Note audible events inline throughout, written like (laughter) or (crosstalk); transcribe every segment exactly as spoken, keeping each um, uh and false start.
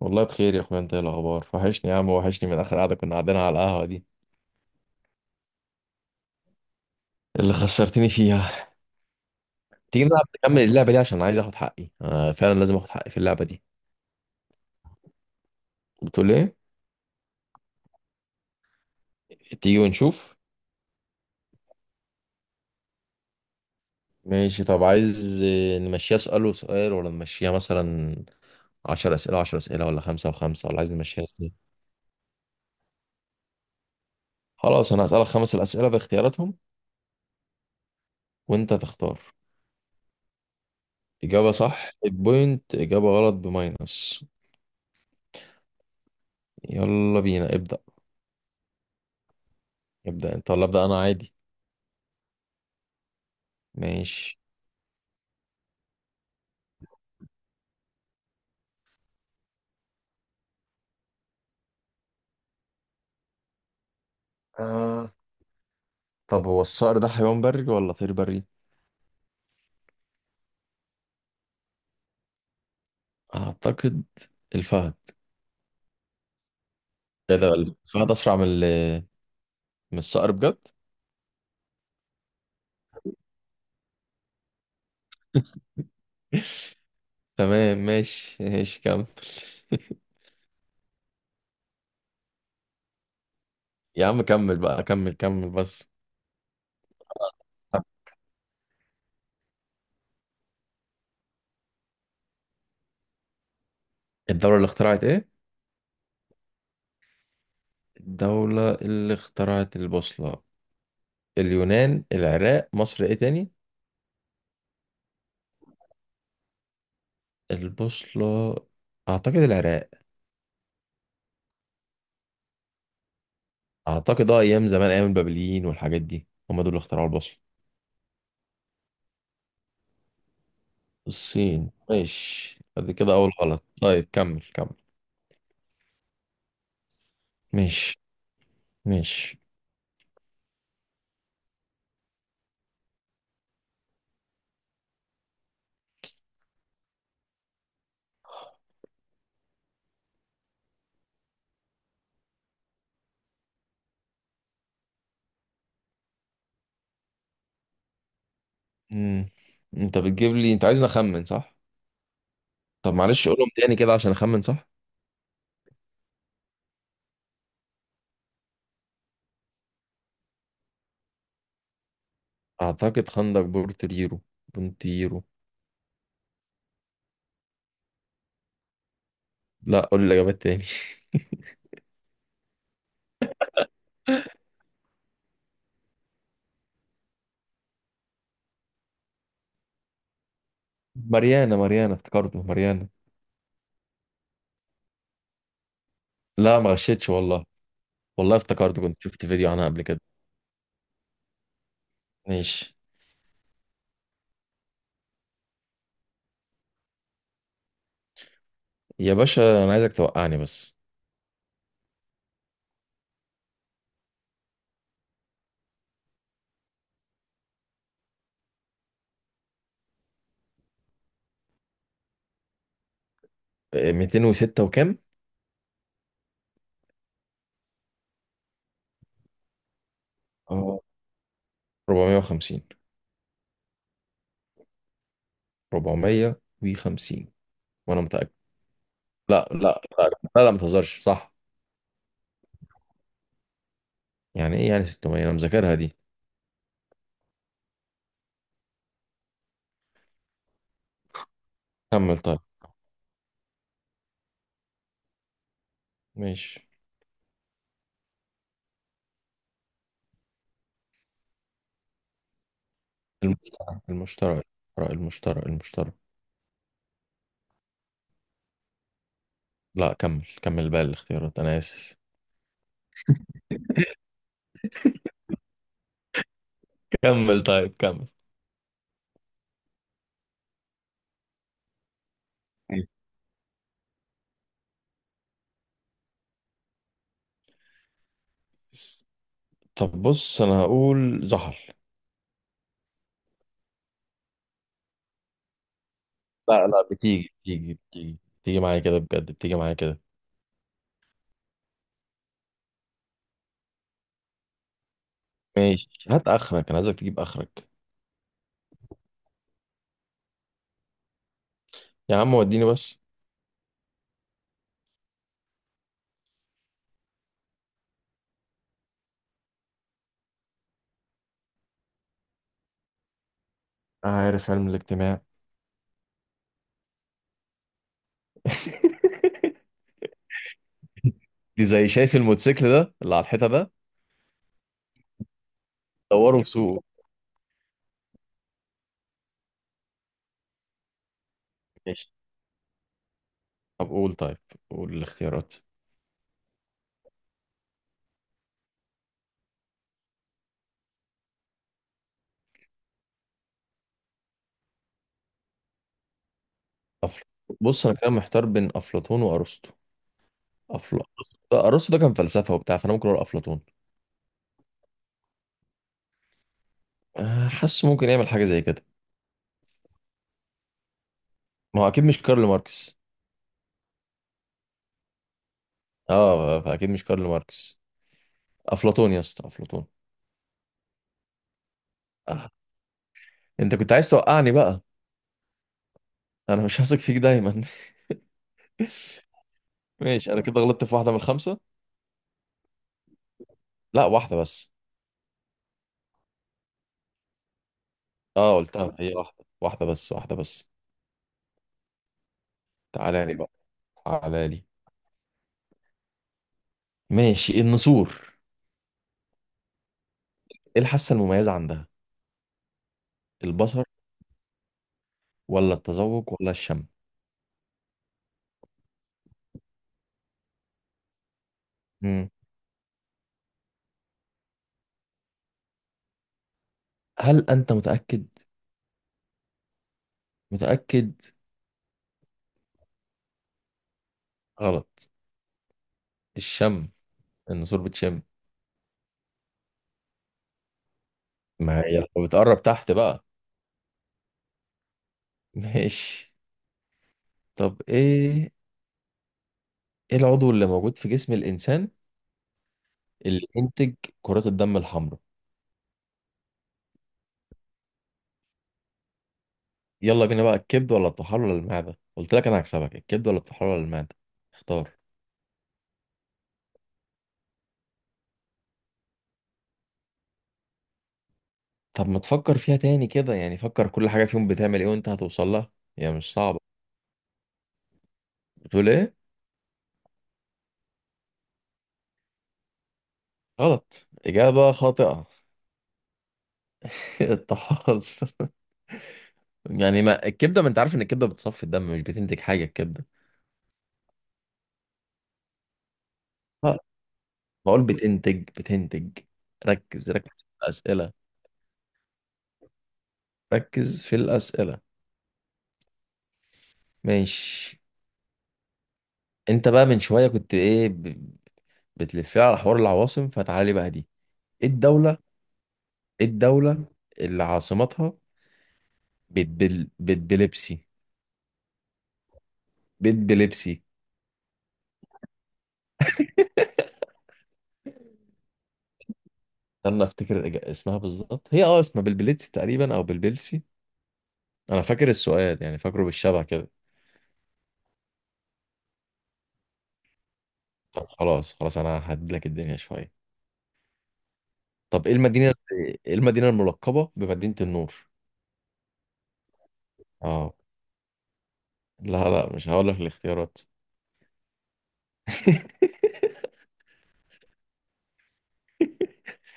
والله بخير يا اخويا، انت ايه الاخبار؟ وحشني يا عم، وحشني من اخر قعده كنا قاعدين على القهوه دي اللي خسرتني فيها. تيجي نلعب نكمل اللعبه دي عشان عايز اخد حقي، آه فعلا لازم اخد حقي في اللعبه دي. بتقول ايه؟ تيجي ونشوف. ماشي، طب عايز نمشيها سؤال وسؤال ولا نمشيها مثلا عشرة اسئله عشرة اسئله، ولا خمسة وخمسة، ولا عايز نمشيها ازاي؟ خلاص انا هسالك خمس الاسئله باختياراتهم وانت تختار. اجابه صح ببوينت، اجابه غلط بماينس. يلا بينا ابدا، ابدا انت ولا ابدا انا عادي. ماشي. آه. طب هو الصقر ده حيوان بري ولا طير بري؟ اعتقد الفهد. ايه ده؟ الفهد اسرع من ال- من الصقر بجد؟ (laughs) تمام، ماشي ماشي كمل. (laughs) يا عم كمل بقى، كمل كمل بس. طب الدولة اللي اخترعت ايه؟ الدولة اللي اخترعت البوصلة. اليونان، العراق، مصر، ايه تاني؟ البوصلة. اعتقد العراق. اعتقد اه ايام زمان، ايام البابليين والحاجات دي، هم دول اللي اخترعوا البوصلة. الصين؟ ماشي، ادي كده اول غلط. طيب كمل كمل. ماشي ماشي. مم. انت بتجيب لي انت عايزني اخمن صح؟ طب معلش قولهم تاني كده عشان اخمن صح. اعتقد خندق بورتريرو بونتيرو. لا قول لي الاجابات تاني. (laughs) ماريانا ماريانا، افتكرته ماريانا. لا ما غشيتش والله، والله افتكرته، كنت شفت فيديو عنها قبل كده. ماشي. يا باشا انا عايزك توقعني بس. إيه، مئتين وستة وكام؟ اه أربعمية وخمسين أربعمية وخمسين وانا متأكد. لا لا لا، لا لا ما تهزرش، صح؟ يعني ايه يعني ستمية؟ انا مذاكرها دي. كمل طيب. ماشي. المشترى المشترى المشترى المشترى المشترى! لا كمل كمل بقى الاختيارات، انا اسف. كمل طيب كمل. أيوة. طب بص انا هقول زحل. لا لا، بتيجي بتيجي بتيجي بتيجي معايا كده بجد، بتيجي معايا كده. ماشي، هات اخرك، انا عايزك تجيب اخرك. يا عم وديني بس. عارف علم الاجتماع؟ (laughs) دي زي شايف الموتوسيكل ده اللي على الحيطه ده، دوره وسوقه. ماشي. طب قول، طيب قول الاختيارات. أفل... بص انا كده محتار بين افلاطون وارسطو. أفل... ده ارسطو ده كان فلسفه وبتاع، فانا ممكن اقول افلاطون. آه، حاسه ممكن يعمل حاجه زي كده. ما هو اكيد مش كارل ماركس. اه فاكيد مش كارل ماركس. افلاطون يا اسطى، افلاطون. آه. انت كنت عايز توقعني بقى. انا مش هثق فيك دايما. (laughs) ماشي. انا كده غلطت في واحده من الخمسه. لا واحده بس. اه قلتها، هي واحده واحده بس، واحده بس. تعالى لي بقى، تعالى لي. ماشي، النسور. ايه الحاسه المميزه عندها؟ البصر ولا التذوق ولا الشم؟ مم. هل أنت متأكد؟ متأكد؟ غلط. الشم، النسور بتشم. ما هي لو بتقرب تحت بقى. (laughs) ماشي. طب إيه، إيه العضو اللي موجود في جسم الإنسان اللي ينتج كرات الدم الحمراء؟ يلا بينا بقى، الكبد ولا الطحال ولا المعدة؟ قلت لك أنا هكسبك. الكبد ولا الطحال ولا المعدة؟ اختار. طب ما تفكر فيها تاني كده، يعني فكر كل حاجة فيهم بتعمل إيه وأنت هتوصل لها. هي مش صعبة. بتقول إيه؟ غلط، إجابة خاطئة. (laughs) الطحال. (laughs) يعني ما الكبده، ما انت عارف ان الكبده بتصفي الدم، مش بتنتج حاجه الكبده. آه، بقول بتنتج بتنتج. ركز ركز في الاسئله. ركز في الاسئله. ماشي. انت بقى من شويه كنت ايه ب- بتلفي على حوار العواصم، فتعالى بقى دي. ايه الدوله، ايه الدوله اللي عاصمتها بتبل بتبلبسي؟ بتبلبسي. استنى افتكر الإج- اسمها بالظبط، هي اه اسمها بلبلتسي تقريبا او بلبلسي. انا فاكر السؤال يعني، فاكره بالشبه كده. طب خلاص خلاص، انا ههدلك الدنيا شويه. طب ايه المدينة، ايه المدينة الملقبة بمدينة النور؟ اه. لا لا، مش هقول لك الاختيارات. (laughs)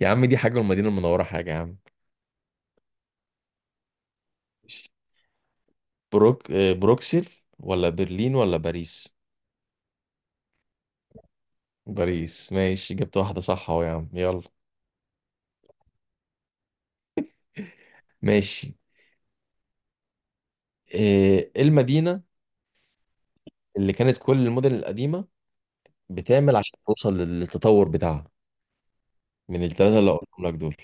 يا عم دي حاجة والمدينة المنورة حاجة يا عم. ماشي. بروك آه، بروكسل ولا برلين ولا باريس؟ باريس؟ ماشي، جبت واحدة صح اهو يا عم، يلا. ماشي. آه، ايه المدينة اللي كانت كل المدن القديمة بتعمل عشان توصل للتطور بتاعها؟ من الثلاثة اللي قلتهم لك دول.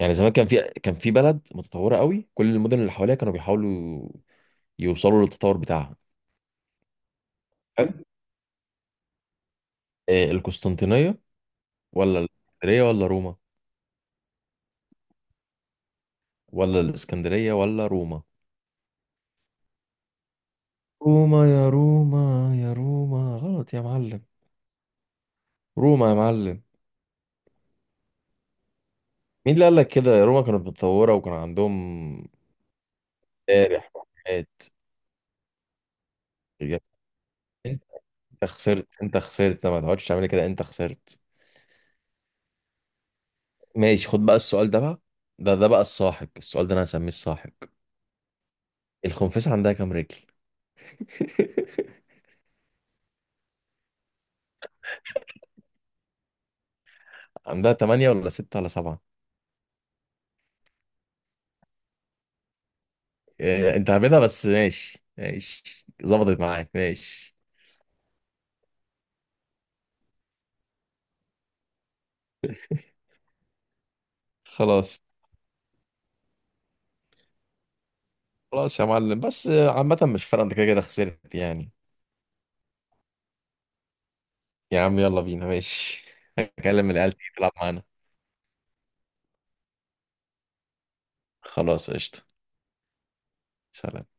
يعني زمان كان في كان في بلد متطوره قوي، كل المدن اللي حواليها كانوا بيحاولوا يوصلوا للتطور بتاعها. حلو. إيه، القسطنطينيه ولا الاسكندريه ولا روما؟ ولا الاسكندريه ولا روما. روما، يا روما يا روما. غلط يا معلم؟ روما يا معلم. مين اللي قال لك كده؟ روما كانت متطوره، وكان عندهم مذابح وحاجات. انت خسرت، انت خسرت، ما تقعدش تعمل كده، انت خسرت. ماشي، خد بقى السؤال ده بقى، ده ده بقى الساحق، السؤال ده انا هسميه الساحق. الخنفسة عندها كام رجل؟ (laughs) عندها تمانية ولا ستة ولا سبعة؟ إيه، انت هبدها بس، ماشي ماشي، ظبطت معاك ماشي. خلاص. خلاص يا معلم، بس عامة مش فارقة، انت كده كده خسرت يعني. يا عم يلا بينا، ماشي. (laughs) هكلم العيال تيجي تلعب معانا. خلاص قشطة. سلام.